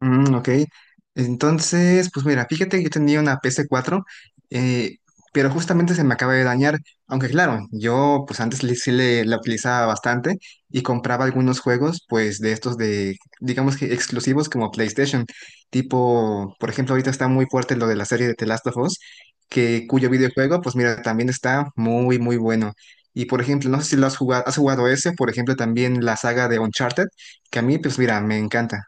Mm, ok. Entonces, pues mira, fíjate que yo tenía una ps cuatro, eh, pero justamente se me acaba de dañar. Aunque claro, yo pues antes sí le, la utilizaba bastante y compraba algunos juegos, pues de estos de, digamos que exclusivos como PlayStation. Tipo, por ejemplo, ahorita está muy fuerte lo de la serie de The Last of Us, que, cuyo videojuego, pues mira, también está muy, muy bueno. Y por ejemplo, no sé si lo has jugado ese, por ejemplo, también la saga de Uncharted, que a mí, pues mira, me encanta.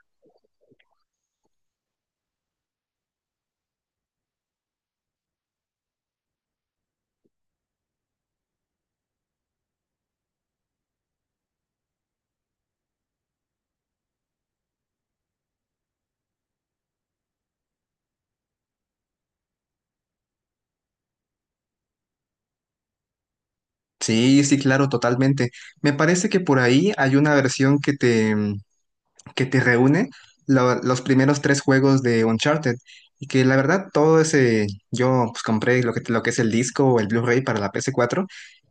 Sí, sí, claro, totalmente. Me parece que por ahí hay una versión que te reúne los primeros tres juegos de Uncharted. Y que la verdad, todo ese, yo pues compré lo que es el disco o el Blu-ray para la PS4.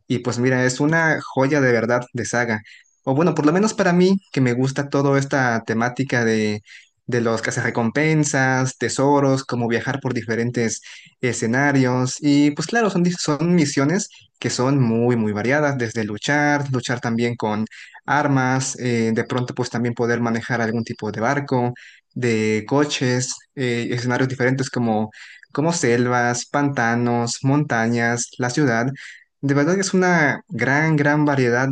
Y pues mira, es una joya de verdad de saga. O bueno, por lo menos para mí, que me gusta toda esta temática de los cazarrecompensas, tesoros, como viajar por diferentes escenarios. Y pues claro, son, son misiones que son muy, muy variadas, desde luchar, luchar también con armas, de pronto pues también poder manejar algún tipo de barco, de coches, escenarios diferentes como, como selvas, pantanos, montañas, la ciudad. De verdad que es una gran, gran variedad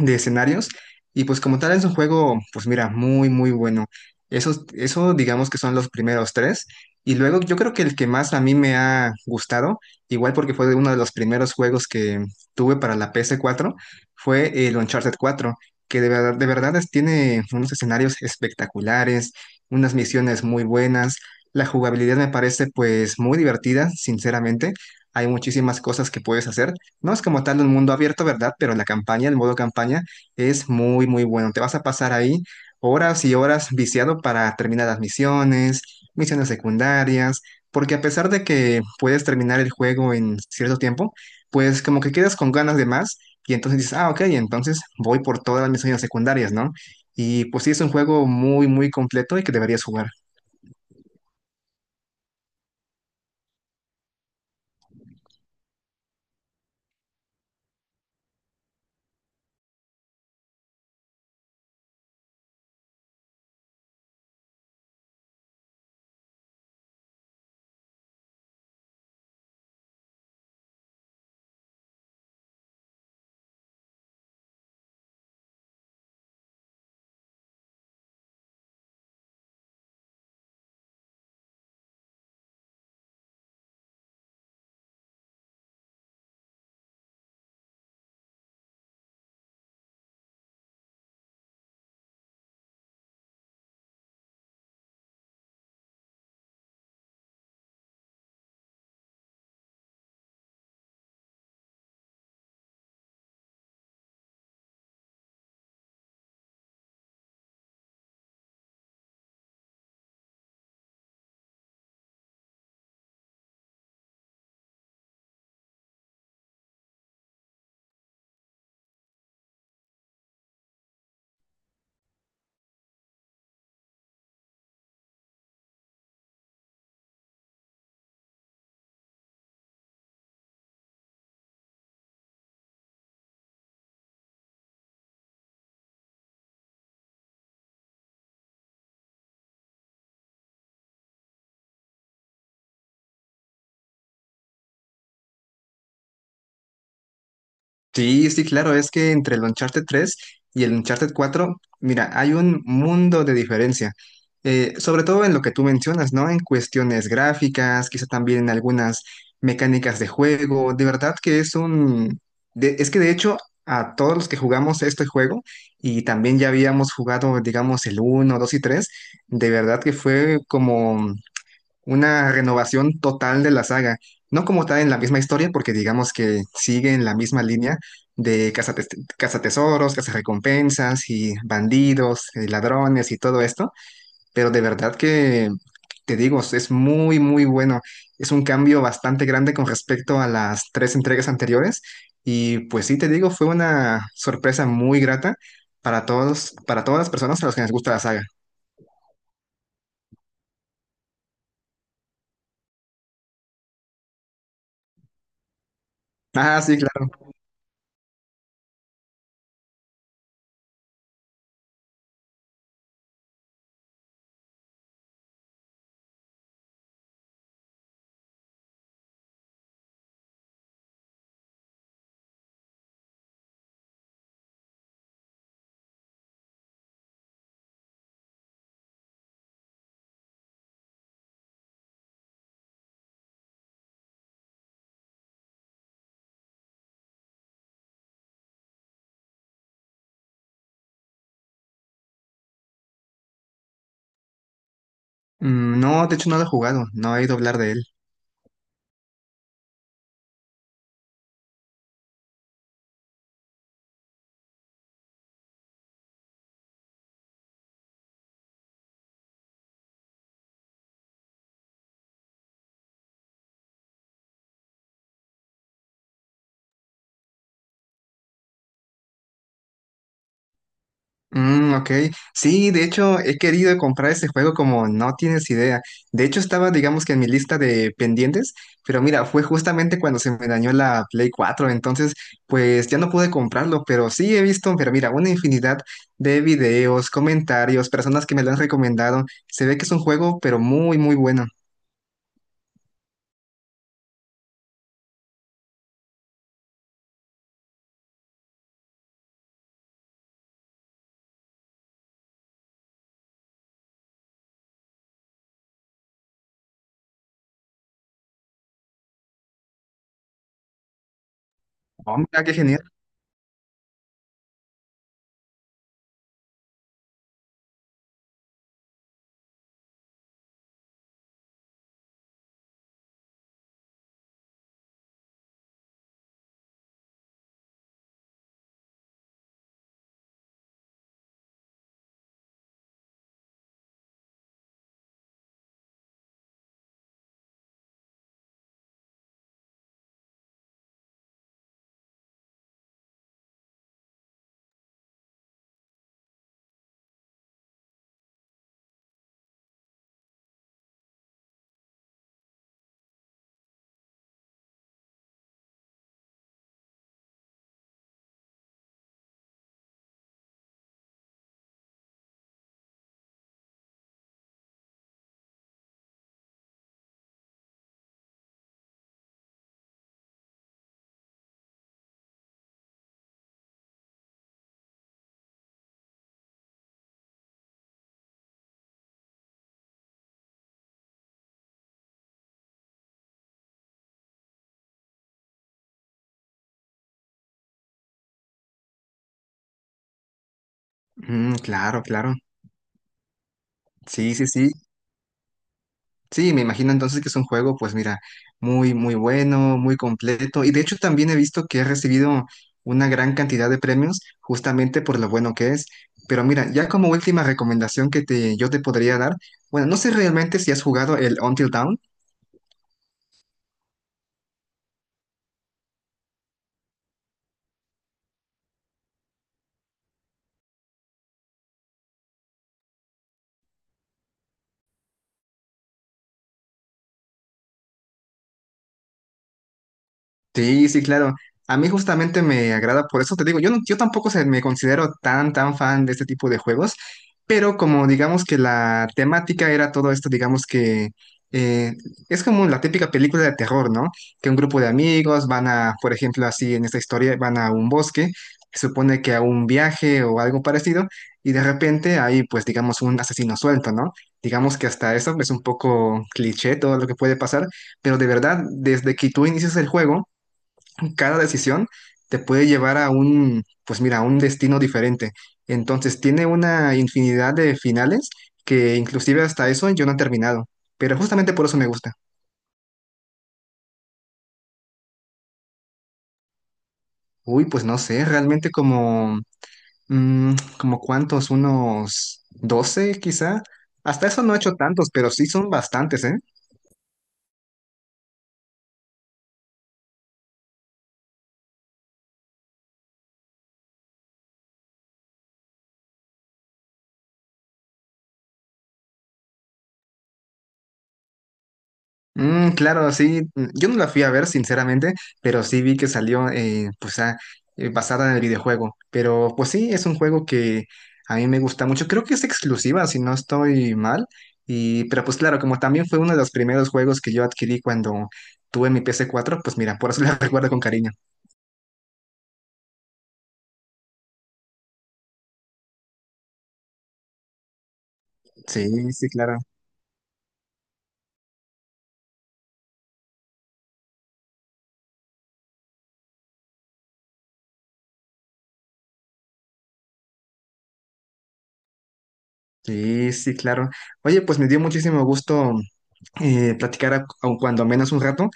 de escenarios. Y pues como tal es un juego, pues mira, muy, muy bueno. Eso digamos que son los primeros tres. Y luego yo creo que el que más a mí me ha gustado, igual porque fue uno de los primeros juegos que tuve para la PS4, fue el Uncharted 4, que de verdad tiene unos escenarios espectaculares, unas misiones muy buenas. La jugabilidad me parece pues muy divertida, sinceramente. Hay muchísimas cosas que puedes hacer. No es como tal un mundo abierto, ¿verdad? Pero la campaña, el modo campaña, es muy, muy bueno. Te vas a pasar ahí horas y horas viciado para terminar las misiones, misiones secundarias, porque a pesar de que puedes terminar el juego en cierto tiempo, pues como que quedas con ganas de más y entonces dices, ah, ok, entonces voy por todas las misiones secundarias, ¿no? Y pues sí, es un juego muy, muy completo y que deberías jugar. Sí, sí, claro, es que entre el Uncharted tres y el Uncharted cuatro, mira, hay un mundo de diferencia. Sobre todo en lo que tú mencionas, ¿no? En cuestiones gráficas, quizá también en algunas mecánicas de juego, de verdad que es un... es que de hecho a todos los que jugamos este juego y también ya habíamos jugado, digamos, el uno, 2 y 3, de verdad que fue como una renovación total de la saga. No como tal en la misma historia, porque digamos que sigue en la misma línea de cazatesoros, cazarrecompensas y bandidos, ladrones y todo esto, pero de verdad que, te digo, es muy, muy bueno. Es un cambio bastante grande con respecto a las tres entregas anteriores y pues sí, te digo, fue una sorpresa muy grata para todos, para todas las personas a las que les gusta la saga. Ah, sí, claro. Mm, no, de hecho no lo he jugado, no he oído hablar de él. Mm, ok. Sí, de hecho, he querido comprar ese juego como no tienes idea. De hecho, estaba, digamos que en mi lista de pendientes, pero mira, fue justamente cuando se me dañó la Play cuatro, entonces, pues ya no pude comprarlo, pero sí he visto, pero mira, una infinidad de videos, comentarios, personas que me lo han recomendado. Se ve que es un juego, pero muy, muy bueno. Oh, mira, qué genial. Mm, claro, claro. Sí, sí, sí. Sí, me imagino entonces que es un juego, pues mira, muy, muy bueno, muy completo. Y de hecho también he visto que ha recibido una gran cantidad de premios justamente por lo bueno que es. Pero mira, ya como última recomendación que te, yo te podría dar, bueno, no sé realmente si has jugado el Until Dawn. Sí, sí, claro. A mí justamente me agrada, por eso te digo, yo, yo tampoco se, me considero tan, tan fan de este tipo de juegos, pero como digamos que la temática era todo esto, digamos que eh, es como la típica película de terror, ¿no? Que un grupo de amigos van a, por ejemplo, así en esta historia, van a un bosque, se supone que a un viaje o algo parecido, y de repente hay, pues, digamos, un asesino suelto, ¿no? Digamos que hasta eso es un poco cliché todo lo que puede pasar, pero de verdad, desde que tú inicias el juego, cada decisión te puede llevar a un, pues mira, a un destino diferente. Entonces tiene una infinidad de finales que inclusive hasta eso yo no he terminado, pero justamente por eso me gusta. Uy, pues no sé, realmente como, mm, como cuántos, unos 12 quizá. Hasta eso no he hecho tantos, pero sí son bastantes, ¿eh? Mm, claro, sí. Mm, yo no la fui a ver, sinceramente, pero sí vi que salió pues, ah, basada en el videojuego. Pero pues sí, es un juego que a mí me gusta mucho. Creo que es exclusiva, si no estoy mal. Y, pero pues claro, como también fue uno de los primeros juegos que yo adquirí cuando tuve mi ps cuatro, pues mira, por eso la recuerdo con cariño. Sí, sí, claro. Sí, sí, claro. Oye, pues me dio muchísimo gusto platicar aun cuando menos un rato.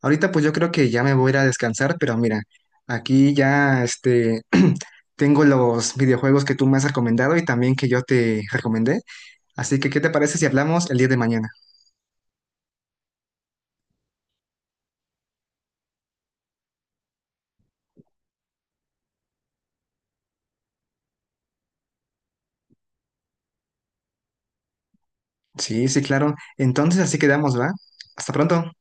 Ahorita pues yo creo que ya me voy a ir a descansar, pero mira, aquí ya este tengo los videojuegos que tú me has recomendado y también que yo te recomendé. Así que, ¿qué te parece si hablamos el día de mañana? Sí, sí, claro. Entonces así quedamos, ¿va? Hasta pronto.